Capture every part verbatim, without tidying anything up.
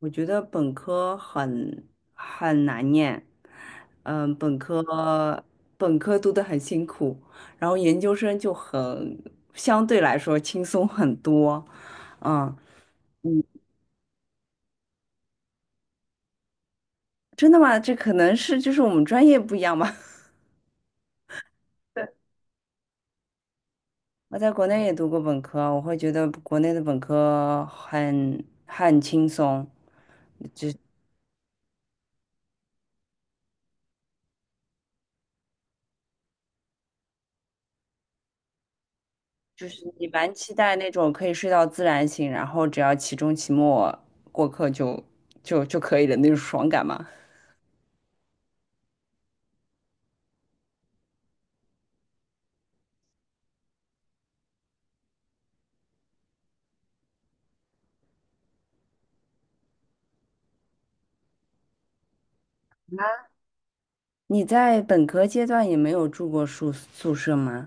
我觉得本科很很难念，嗯，本科本科读得很辛苦，然后研究生就很相对来说轻松很多。嗯。真的吗？这可能是就是我们专业不一样吧。对。我在国内也读过本科，我会觉得国内的本科很很轻松，就是你蛮期待那种可以睡到自然醒，然后只要期中期末过课就就就可以的那种爽感嘛。你在本科阶段也没有住过宿宿舍吗？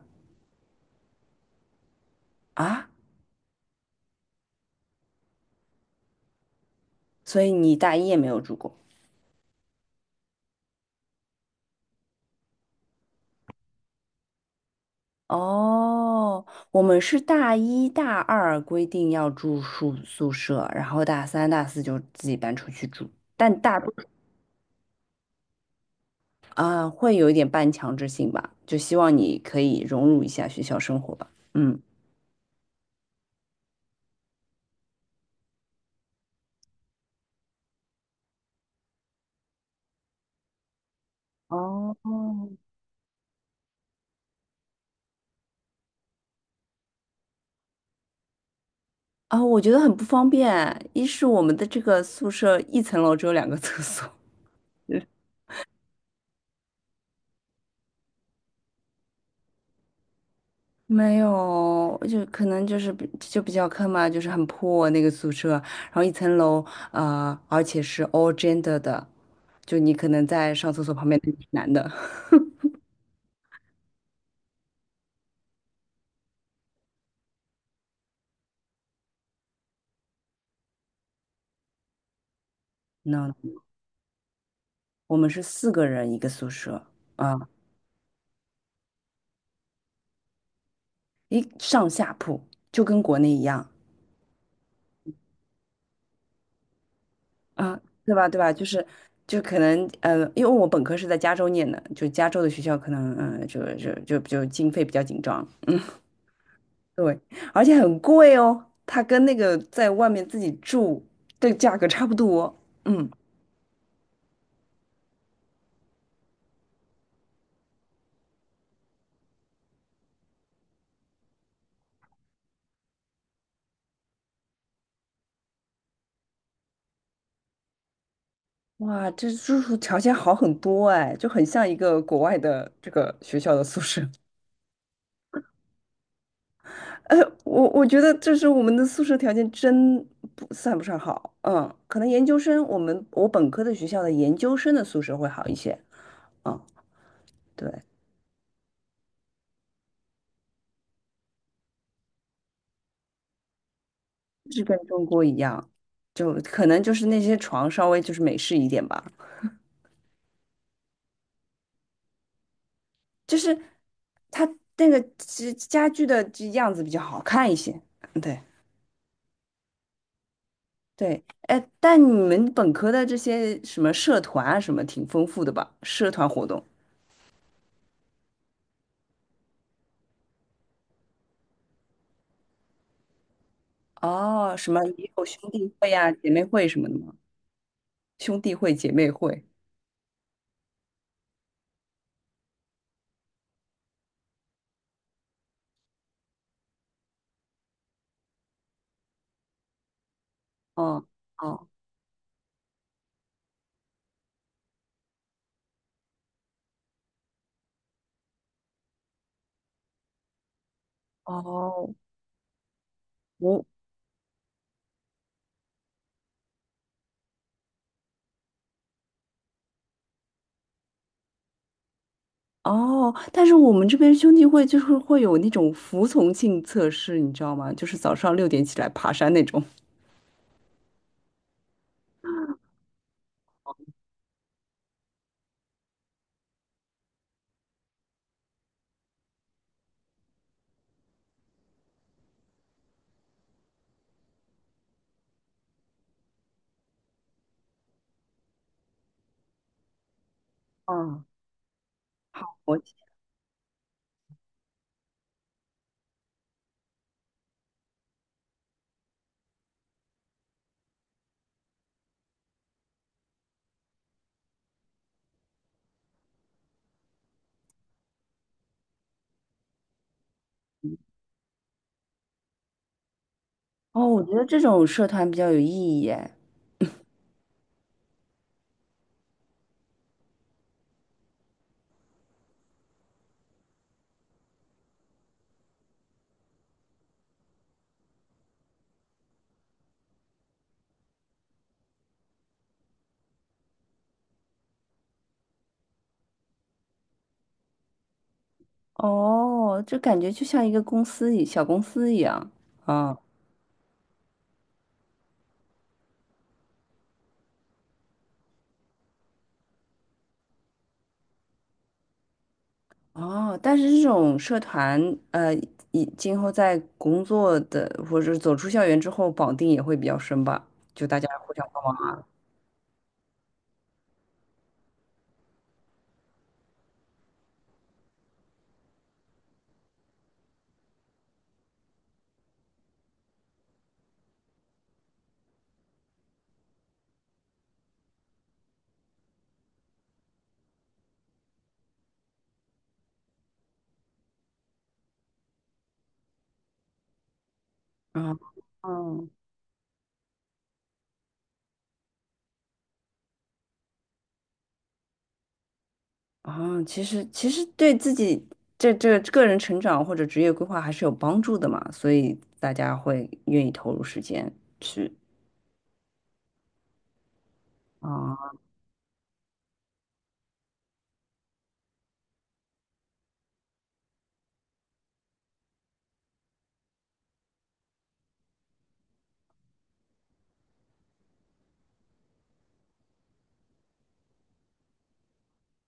啊，所以你大一也没有住过。哦，我们是大一大二规定要住宿宿舍，然后大三大四就自己搬出去住，但大多啊会有一点半强制性吧，就希望你可以融入一下学校生活吧。嗯。哦，啊，我觉得很不方便。一是我们的这个宿舍一层楼只有两个厕所，没有，就可能就是比就比较坑嘛，就是很破那个宿舍，然后一层楼，呃，而且是 all gender 的，就你可能在上厕所旁边的是男的。no，我们是四个人一个宿舍啊，一上下铺，就跟国内一样啊，对吧？对吧？就是就可能呃，因为我本科是在加州念的，就加州的学校可能嗯、呃就就就就经费比较紧张，对，而且很贵哦，它跟那个在外面自己住的价格差不多。嗯，哇，这住宿条件好很多哎，就很像一个国外的这个学校的宿舍。呃，我我觉得这是我们的宿舍条件真不算不上好。嗯，可能研究生，我们我本科的学校的研究生的宿舍会好一些。嗯，对，就是跟中国一样，就可能就是那些床稍微就是美式一点吧。就是它那个家家具的这样子比较好看一些。对对，哎，但你们本科的这些什么社团啊，什么挺丰富的吧？社团活动。哦，什么也有兄弟会呀、姐妹会什么的吗？兄弟会、姐妹会。哦哦哦，我哦，但是我们这边兄弟会就是会有那种服从性测试，你知道吗？就是早上六点起来爬山那种。嗯。我哦，我觉得这种社团比较有意义耶。哦，就感觉就像一个公司一小公司一样啊。哦，但是这种社团，呃，以今后在工作的或者走出校园之后，绑定也会比较深吧？就大家互相帮忙啊。嗯，啊，其实其实对自己这这个人成长或者职业规划还是有帮助的嘛，所以大家会愿意投入时间去。啊。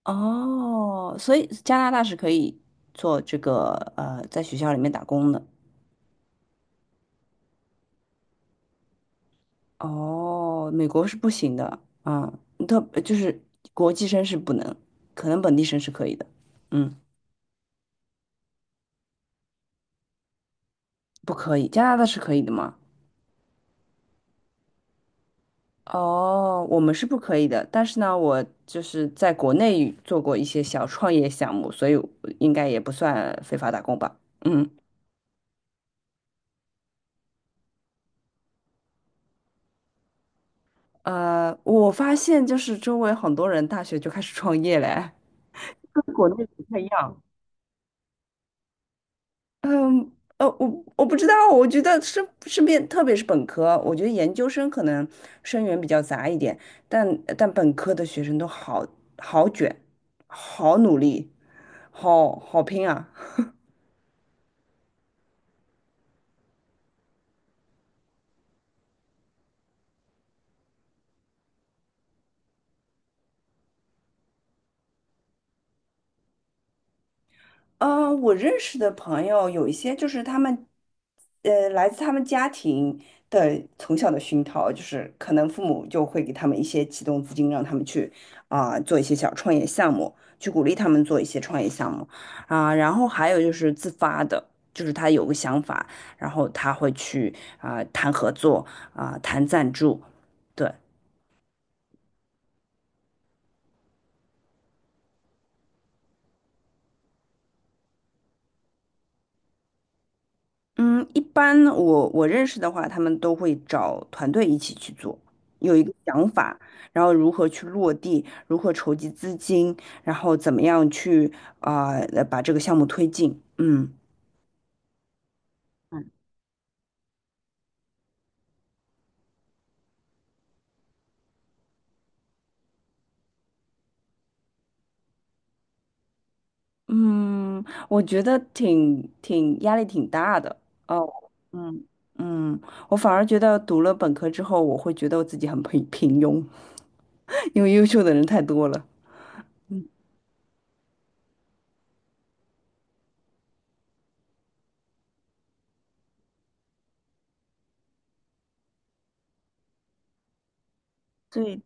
哦，所以加拿大是可以做这个呃，在学校里面打工的。哦，美国是不行的，嗯，特就是国际生是不能，可能本地生是可以的，嗯，不可以，加拿大是可以的吗？哦，我们是不可以的，但是呢，我就是在国内做过一些小创业项目，所以我应该也不算非法打工吧。嗯，呃，我发现就是周围很多人大学就开始创业嘞，跟国内不太一样。嗯，呃，我我不知道，我觉得是是边，特别是本科，我觉得研究生可能生源比较杂一点，但但本科的学生都好好卷，好努力，好好拼啊！嗯，呃我认识的朋友有一些就是他们，呃，来自他们家庭的从小的熏陶，就是可能父母就会给他们一些启动资金，让他们去啊、做一些小创业项目，去鼓励他们做一些创业项目啊、然后还有就是自发的，就是他有个想法，然后他会去啊、谈合作啊、谈赞助，对。嗯，一般我我认识的话，他们都会找团队一起去做，有一个想法，然后如何去落地，如何筹集资金，然后怎么样去啊、呃把这个项目推进。嗯嗯，我觉得挺挺压力挺大的哦。嗯嗯，我反而觉得读了本科之后，我会觉得我自己很平平庸，因为优秀的人太多了。对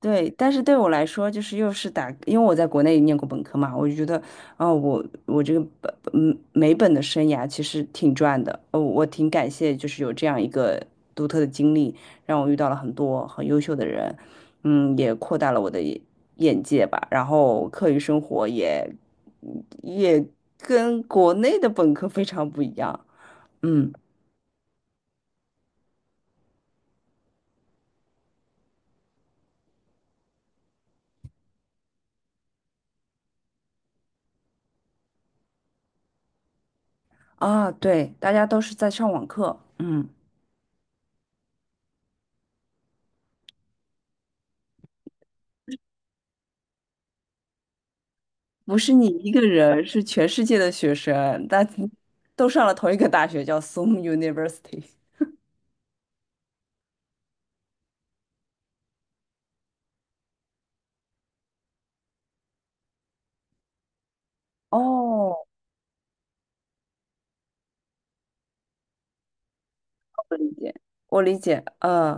对，但是对我来说，就是又是打，因为我在国内念过本科嘛，我就觉得，哦，我我这个本嗯美本的生涯其实挺赚的，哦，我挺感谢，就是有这样一个独特的经历，让我遇到了很多很优秀的人，嗯，也扩大了我的眼眼界吧，然后课余生活也也跟国内的本科非常不一样，嗯啊，对，大家都是在上网课，嗯。不是你一个人，是全世界的学生，大都上了同一个大学，叫 Soon University。哦，我理解，我理解，嗯，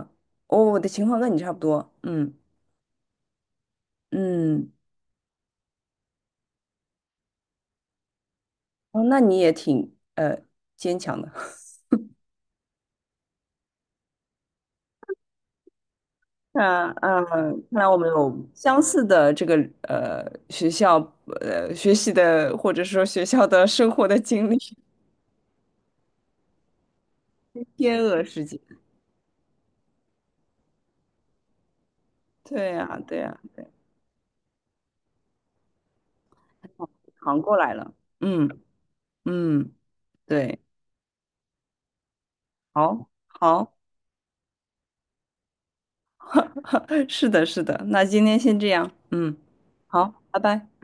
哦，我的情况跟你差不多，嗯嗯，哦，那你也挺呃坚强的。那嗯，看来我们有相似的这个呃学校呃学习的，或者说学校的生活的经历，天鹅事件。对呀，对呀，扛过来了。嗯嗯，对。好，好，是的，是的，那今天先这样，嗯，好，拜拜。